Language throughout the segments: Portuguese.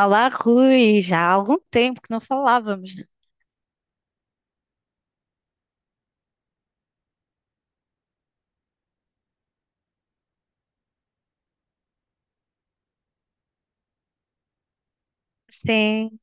Olá, Rui, já há algum tempo que não falávamos. Sim,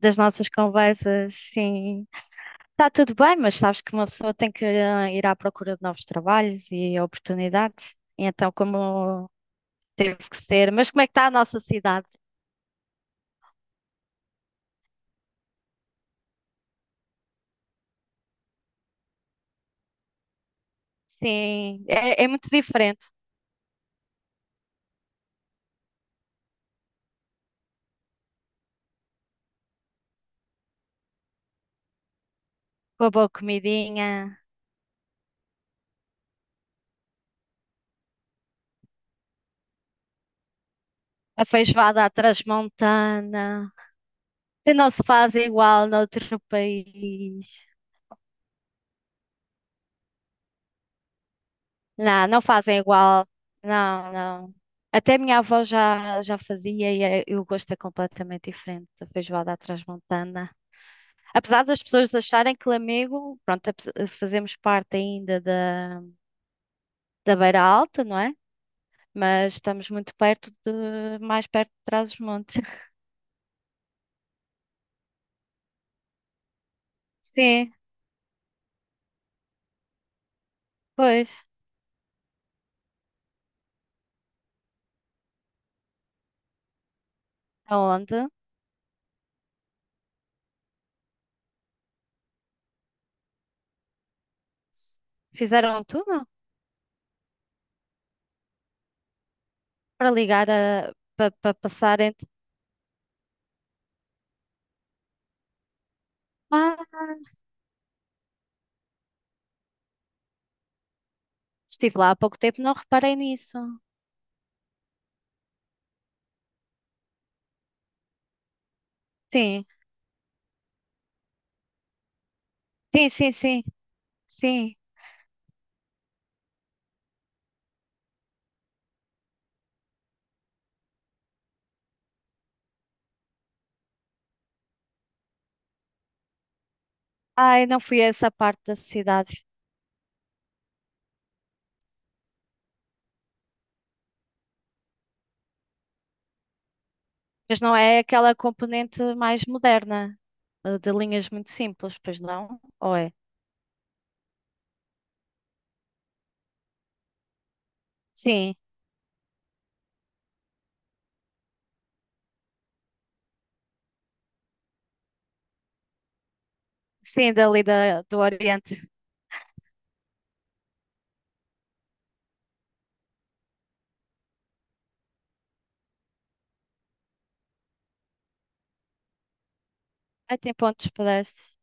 das nossas conversas, sim. Está tudo bem, mas sabes que uma pessoa tem que ir à procura de novos trabalhos e oportunidades. E então, como teve que ser, mas como é que está a nossa cidade? Sim, é, é muito diferente, com a boa comidinha, a feijoada à transmontana, que não se faz igual noutro país. Não, não fazem igual. Não, não. Até minha avó já fazia e o gosto é completamente diferente da feijoada à transmontana. Apesar das pessoas acharem que Lamego, pronto, fazemos parte ainda da Beira Alta, não é? Mas estamos muito perto de, mais perto de Trás-os-Montes. Sim, pois. Aonde? S- Fizeram tudo túnel para ligar a, para, para passar entre. Ah, estive lá há pouco tempo, não reparei nisso. Sim, sim, sim, sim. Sim. Ai, não fui a essa parte da cidade. Mas não é aquela componente mais moderna, de linhas muito simples, pois não? Ou é? Sim, sim, dali da, do Oriente. Ai, tem pontos pedestres.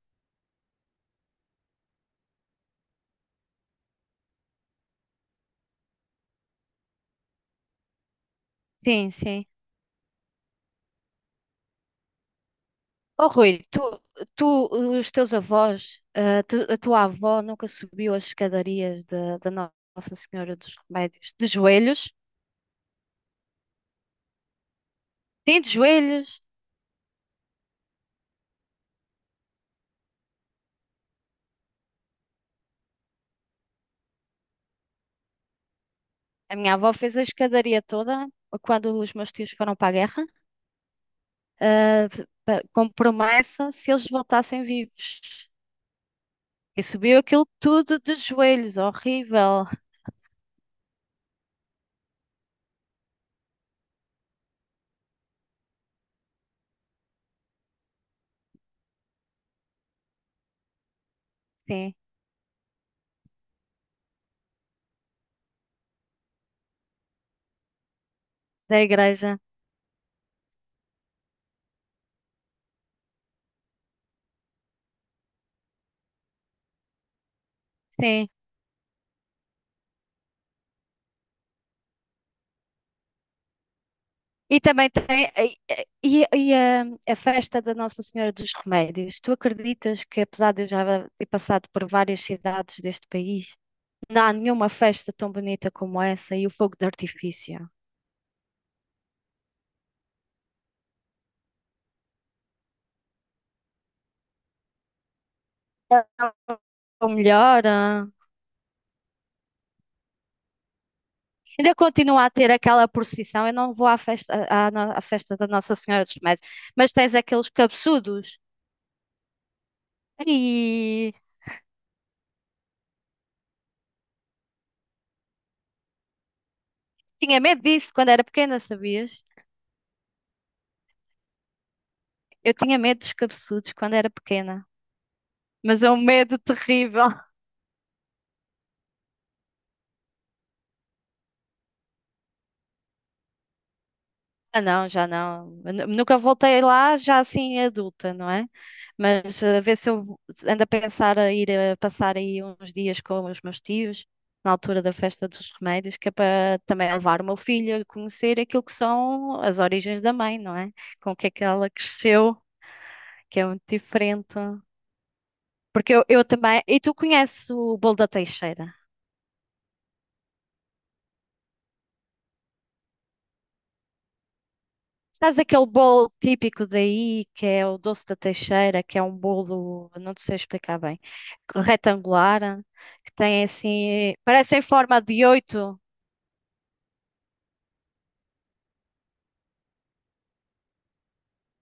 Sim, sim. Oh, Rui, tu, tu, os teus avós, a tua avó nunca subiu as escadarias da Nossa Senhora dos Remédios? De joelhos? Sim, de joelhos. A minha avó fez a escadaria toda quando os meus tios foram para a guerra. Ah, como promessa se eles voltassem vivos. E subiu aquilo tudo de joelhos, horrível. Sim, da igreja, sim. E também tem e, e a festa da Nossa Senhora dos Remédios. Tu acreditas que, apesar de eu já ter passado por várias cidades deste país, não há nenhuma festa tão bonita como essa e o fogo de artifício? É o melhor. Ah. Ainda continua a ter aquela procissão. Eu não vou à festa, à festa da Nossa Senhora dos Remédios, mas tens aqueles cabeçudos. E tinha medo disso quando era pequena, sabias? Eu tinha medo dos cabeçudos quando era pequena, mas é um medo terrível. Ah, não, já não. Eu nunca voltei lá, já assim adulta, não é? Mas a ver se ando a pensar a ir a passar aí uns dias com os meus tios, na altura da festa dos remédios, que é para também levar o meu filho a conhecer aquilo que são as origens da mãe, não é? Com o que é que ela cresceu, que é muito diferente. Porque eu também. E tu conheces o bolo da Teixeira? Sabes aquele bolo típico daí, que é o doce da Teixeira, que é um bolo, não te sei explicar bem, retangular, que tem assim, parece em forma de oito.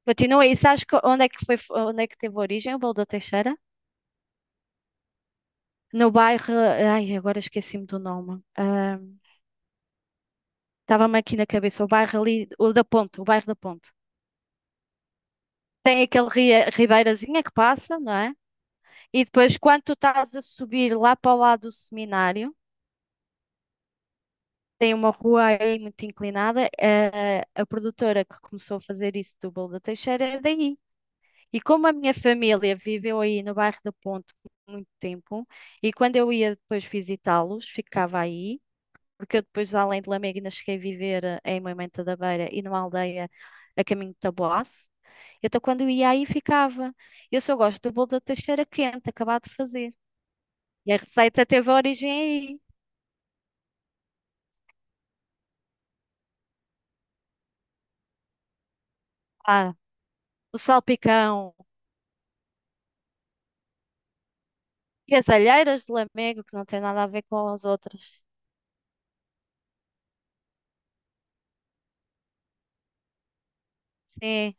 Continua, e sabes onde é que foi, onde é que teve origem o bolo da Teixeira? No bairro, ai, agora esqueci-me do nome. Ah, estava-me aqui na cabeça, o bairro ali, o da Ponte, o bairro da Ponte. Tem aquele ribeirazinha que passa, não é? E depois, quando tu estás a subir lá para o lado do seminário, tem uma rua aí muito inclinada. A produtora que começou a fazer isso do Bolo da Teixeira é daí. E como a minha família viveu aí no bairro da Ponte por muito tempo, e quando eu ia depois visitá-los, ficava aí, porque eu depois, além de Lamegna, cheguei a viver em Moimenta da Beira e numa aldeia a caminho de Taboás. Então, quando eu ia aí, ficava. Eu só gosto do bolo da Teixeira quente, acabado de fazer. E a receita teve origem aí. Ah, o salpicão. E as Alheiras de Lamego, que não tem nada a ver com as outras. Sim,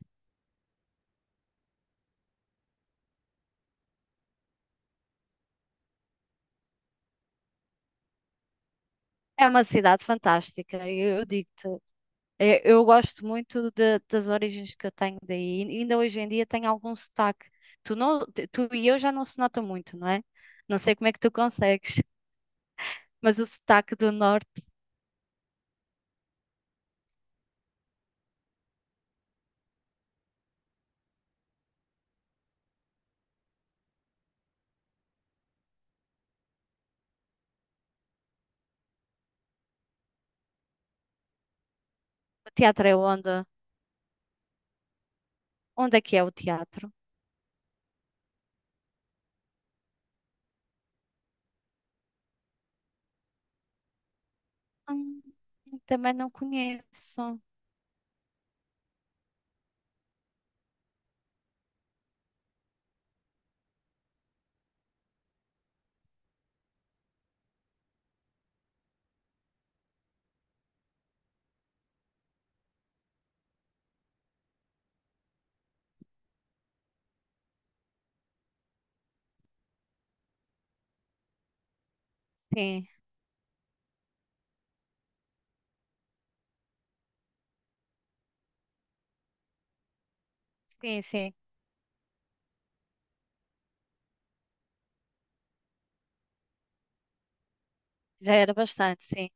é uma cidade fantástica. Eu digo-te, eu gosto muito das origens que eu tenho daí. E ainda hoje em dia tenho algum sotaque. Tu, não, tu e eu já não se nota muito, não é? Não sei como é que tu consegues, mas o sotaque do norte. O teatro é onde? Onde é que é o teatro? Hum, também não conheço. Sim, sim, sim. Já era bastante, sim.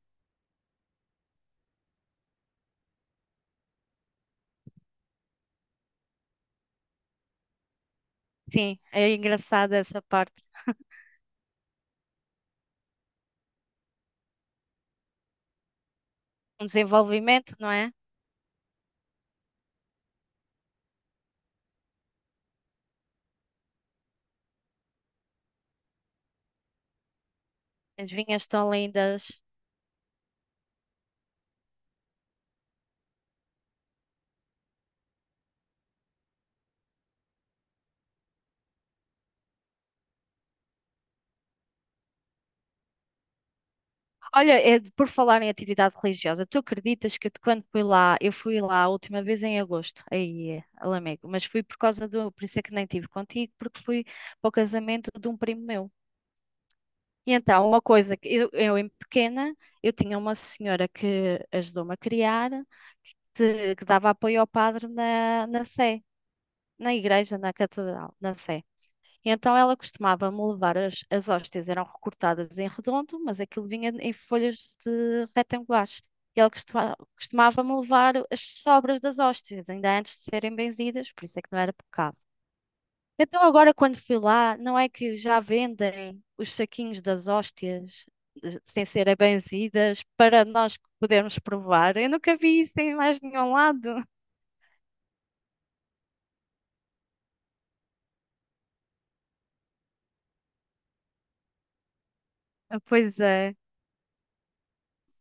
Sim, é engraçado essa parte. Um desenvolvimento, não é? As vinhas estão lindas. Olha, é, por falar em atividade religiosa, tu acreditas que de quando fui lá, eu fui lá a última vez em agosto, aí é, a Lamego, mas fui por causa do, por isso é que nem tive contigo, porque fui para o casamento de um primo meu. E então, uma coisa que eu em pequena, eu tinha uma senhora que ajudou-me a criar, que dava apoio ao padre na, na Sé, na igreja, na catedral, na Sé. Então ela costumava-me levar as, as hóstias, eram recortadas em redondo, mas aquilo vinha em folhas de retangulares. E ela costumava-me levar as sobras das hóstias, ainda antes de serem benzidas, por isso é que não era pecado. Então agora quando fui lá, não é que já vendem os saquinhos das hóstias sem serem benzidas para nós podermos provar? Eu nunca vi isso em mais nenhum lado. Ah, pois é.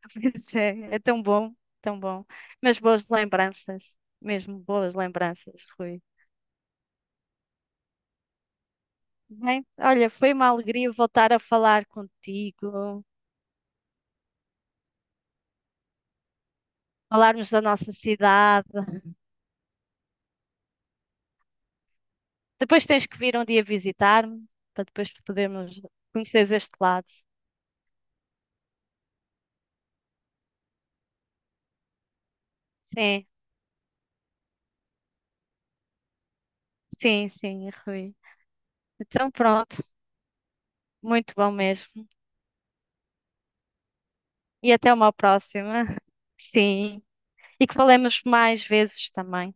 Pois é, é tão bom, tão bom. Mas boas lembranças, mesmo boas lembranças, Rui. Bem, olha, foi uma alegria voltar a falar contigo, falarmos da nossa cidade. Depois tens que vir um dia visitar-me, para depois podermos conhecer este lado. Sim, sim, sim, Rui. Então pronto, muito bom mesmo. E até uma próxima. Sim, e que falemos mais vezes também.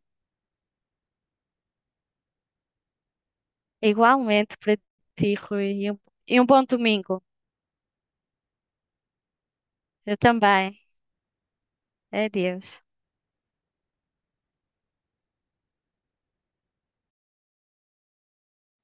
Igualmente para ti, Rui, e um bom domingo. Eu também. Adeus.